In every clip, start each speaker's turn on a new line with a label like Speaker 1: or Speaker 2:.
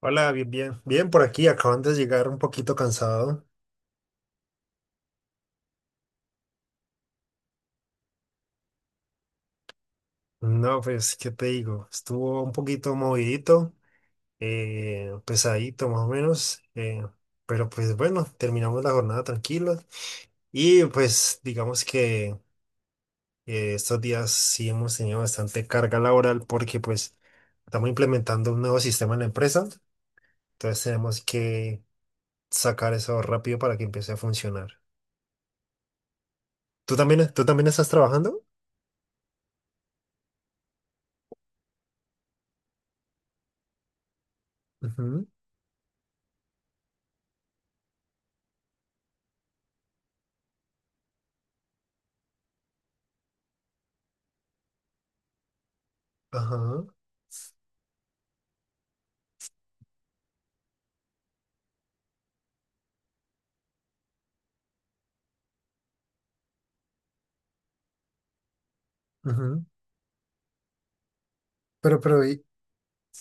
Speaker 1: Hola, bien, bien, bien por aquí, acaban de llegar un poquito cansado. No, pues, ¿qué te digo? Estuvo un poquito movidito, pesadito más o menos, pero pues bueno, terminamos la jornada tranquilos y pues digamos que estos días sí hemos tenido bastante carga laboral porque pues estamos implementando un nuevo sistema en la empresa, entonces tenemos que sacar eso rápido para que empiece a funcionar. ¿Tú también estás trabajando? Ujú. Ajá. Ujú. Pero, pero, y,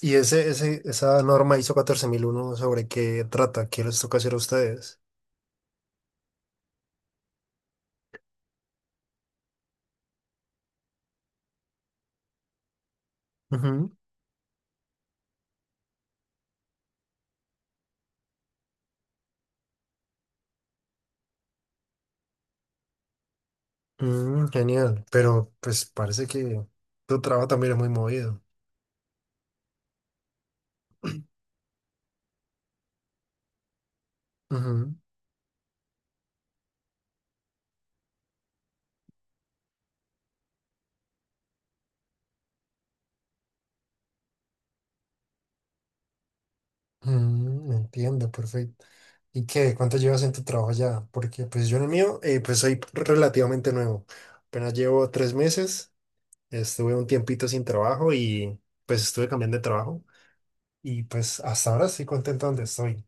Speaker 1: esa norma ISO 14001, ¿sobre qué trata? ¿Qué les toca hacer a ustedes? Ujú. Mm, genial. Pero, pues, parece que tu trabajo también es muy movido. Ujú. Mm, entiendo, perfecto. ¿Y qué? ¿Cuánto llevas en tu trabajo ya? Porque, pues, yo en el mío, pues, soy relativamente nuevo. Apenas llevo 3 meses. Estuve un tiempito sin trabajo y, pues, estuve cambiando de trabajo. Y, pues, hasta ahora estoy contento donde estoy.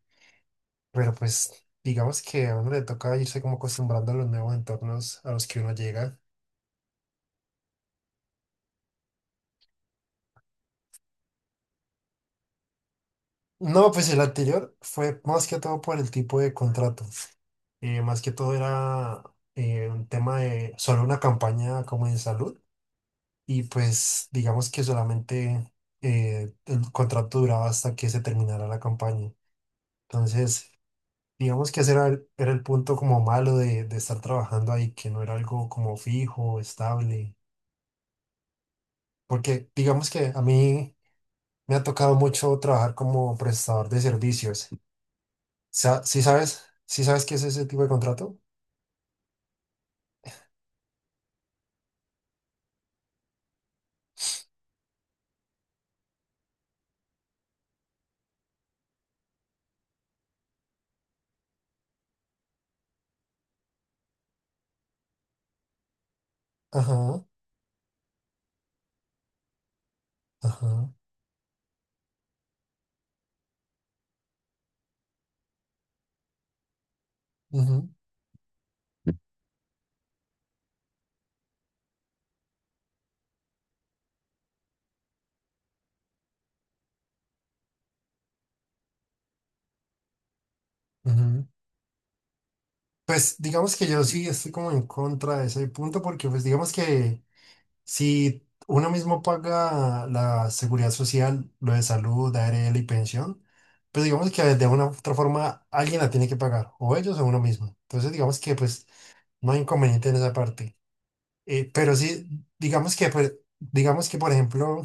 Speaker 1: Pero pues digamos que a uno le toca irse como acostumbrando a los nuevos entornos a los que uno llega. No, pues el anterior fue más que todo por el tipo de contrato. Más que todo era un tema de solo una campaña como en salud. Y pues digamos que solamente el contrato duraba hasta que se terminara la campaña. Entonces, digamos que ese era el punto como malo de estar trabajando ahí, que no era algo como fijo, estable. Porque digamos que a mí... Me ha tocado mucho trabajar como prestador de servicios. ¿Sí sabes? ¿Sí sabes qué es ese tipo de contrato? Ajá, ajá, ujú, ujú. Pues digamos que yo sí estoy como en contra de ese punto porque pues digamos que si uno mismo paga la seguridad social, lo de salud, ARL y pensión, pues digamos que de una u otra forma alguien la tiene que pagar, o ellos o uno mismo. Entonces digamos que pues no hay inconveniente en esa parte. Pero sí, digamos que por ejemplo,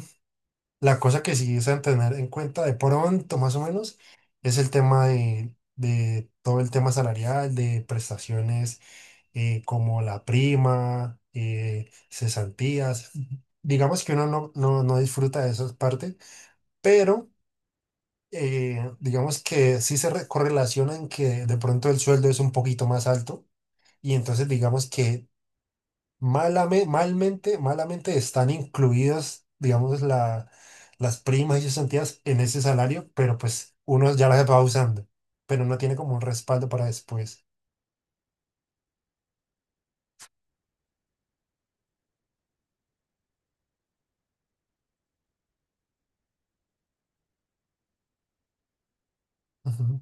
Speaker 1: la cosa que sí es a tener en cuenta de pronto, más o menos, es el tema de todo el tema salarial, de prestaciones, como la prima, cesantías. Digamos que uno no, no, no disfruta de esas partes, pero digamos que sí se correlaciona en que de pronto el sueldo es un poquito más alto y entonces digamos que malamente están incluidas, digamos, las primas y cesantías en ese salario, pero pues uno ya las va usando, pero no tiene como un respaldo para después. Ujú,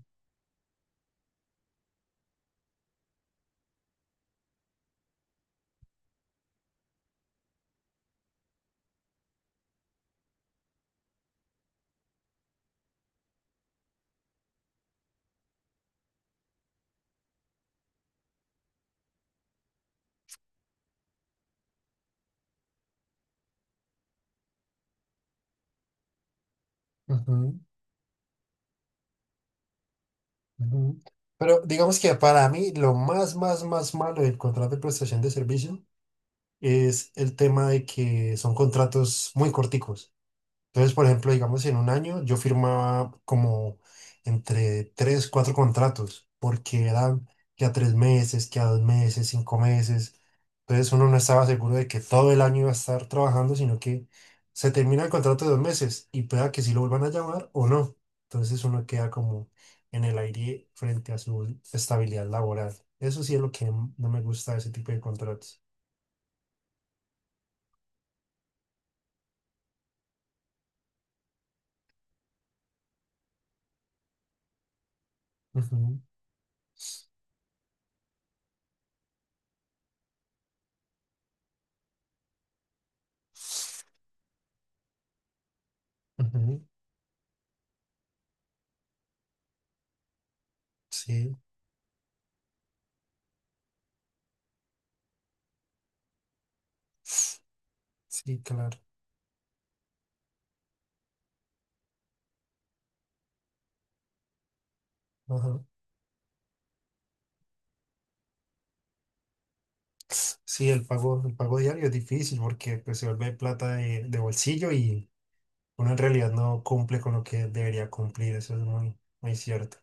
Speaker 1: ujú, ujú. Pero digamos que para mí lo más, más, más malo del contrato de prestación de servicio es el tema de que son contratos muy corticos. Entonces, por ejemplo, digamos, en un año yo firmaba como entre tres, cuatro contratos, porque eran que a 3 meses, que a 2 meses, 5 meses. Entonces uno no estaba seguro de que todo el año iba a estar trabajando, sino que se termina el contrato de 2 meses y pueda que sí lo vuelvan a llamar o no. Entonces uno queda como en el aire frente a su estabilidad laboral. Eso sí es lo que no me gusta de ese tipo de contratos. Ujú, ujú, sí, sí, claro, ajá. Sí, el pago diario es difícil porque pues, se vuelve plata de bolsillo y uno en realidad no cumple con lo que debería cumplir, eso es muy, muy cierto.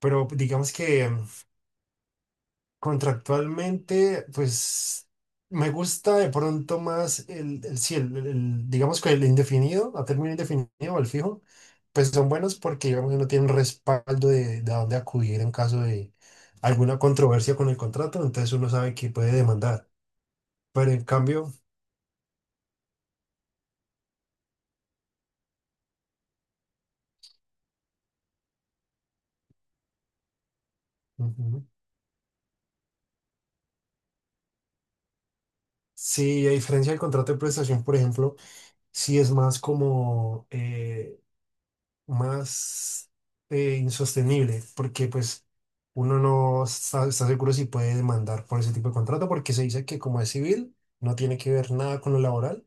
Speaker 1: Pero digamos que, contractualmente, pues me gusta de pronto más sí, digamos que el indefinido, a término indefinido o el fijo, pues son buenos porque digamos que uno tiene un respaldo de a dónde acudir en caso de alguna controversia con el contrato, entonces uno sabe que puede demandar. Pero en cambio... Ujú. Sí, a diferencia del contrato de prestación, por ejemplo, sí es más como más insostenible, porque pues uno no está seguro si puede demandar por ese tipo de contrato, porque se dice que como es civil, no tiene que ver nada con lo laboral.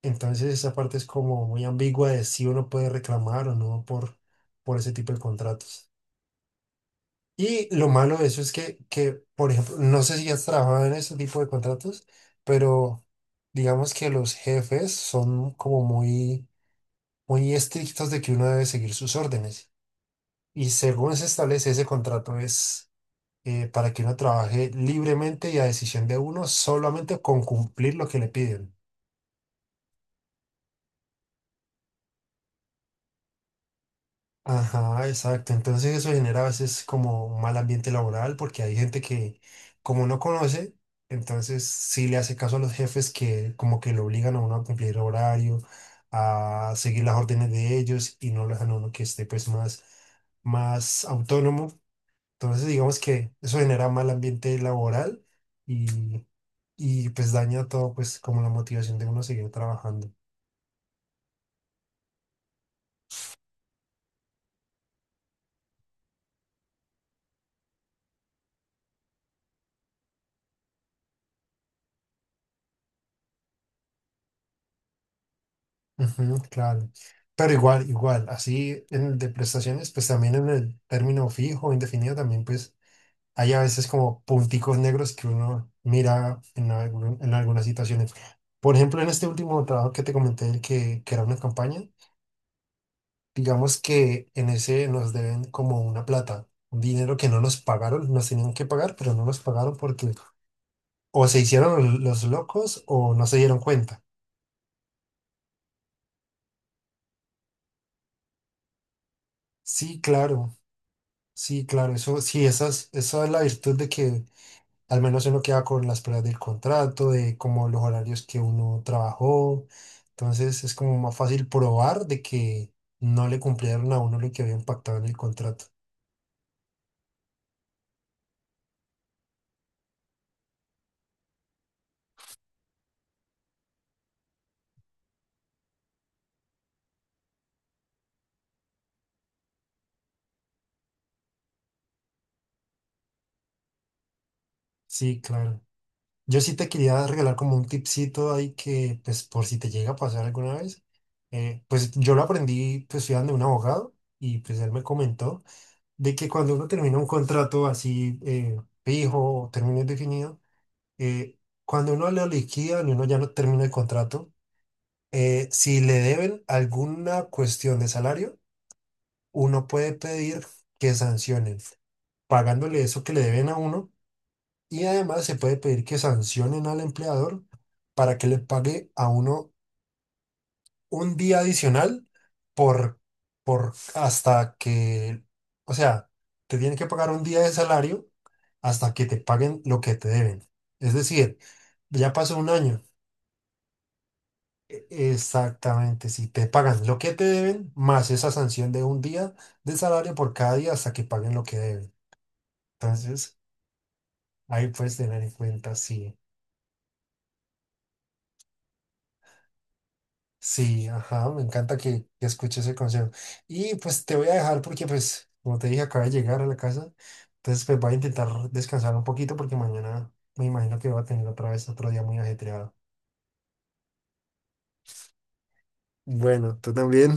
Speaker 1: Entonces esa parte es como muy ambigua de si uno puede reclamar o no por ese tipo de contratos. Y lo malo de eso es por ejemplo, no sé si has trabajado en este tipo de contratos, pero digamos que los jefes son como muy, muy estrictos de que uno debe seguir sus órdenes. Y según se establece ese contrato es para que uno trabaje libremente y a decisión de uno, solamente con cumplir lo que le piden. Ajá, exacto. Entonces eso genera a veces como un mal ambiente laboral porque hay gente que como no conoce, entonces sí le hace caso a los jefes que como que lo obligan a uno a cumplir horario, a seguir las órdenes de ellos y no lo dejan a uno que esté pues más, más autónomo. Entonces digamos que eso genera mal ambiente laboral y, y pues daña todo pues como la motivación de uno a seguir trabajando. Ujú, claro. Pero igual, igual, así en el de prestaciones, pues también en el término fijo, indefinido, también pues hay a veces como punticos negros que uno mira en algunas situaciones. Por ejemplo, en este último trabajo que te comenté, el que era una campaña, digamos que en ese nos deben como una plata, un dinero que no nos pagaron, nos tenían que pagar, pero no nos pagaron porque o se hicieron los locos o no se dieron cuenta. Sí, claro. Sí, claro, eso sí, esa es la virtud de que al menos uno queda con las pruebas del contrato, de como los horarios que uno trabajó, entonces es como más fácil probar de que no le cumplieron a uno lo que había impactado en el contrato. Sí, claro. Yo sí te quería regalar como un tipcito ahí que, pues, por si te llega a pasar alguna vez. Pues yo lo aprendí, pues, estudiando de un abogado, y pues él me comentó de que cuando uno termina un contrato así, fijo o término indefinido, eh, cuando uno lo liquida y uno ya no termina el contrato, si le deben alguna cuestión de salario, uno puede pedir que sancionen, pagándole eso que le deben a uno, y además se puede pedir que sancionen al empleador para que le pague a uno un día adicional por, por hasta que, o sea, te tienen que pagar un día de salario hasta que te paguen lo que te deben. Es decir, ya pasó un año. Exactamente, si te pagan lo que te deben, más esa sanción de un día de salario por cada día hasta que paguen lo que deben. Entonces, ahí puedes tener en cuenta, sí, sí, ajá, me encanta que escuches ese consejo. Y pues te voy a dejar porque, pues, como te dije, acabo de llegar a la casa, entonces pues voy a intentar descansar un poquito porque mañana me imagino que va a tener otra vez otro día muy ajetreado. Bueno, tú también.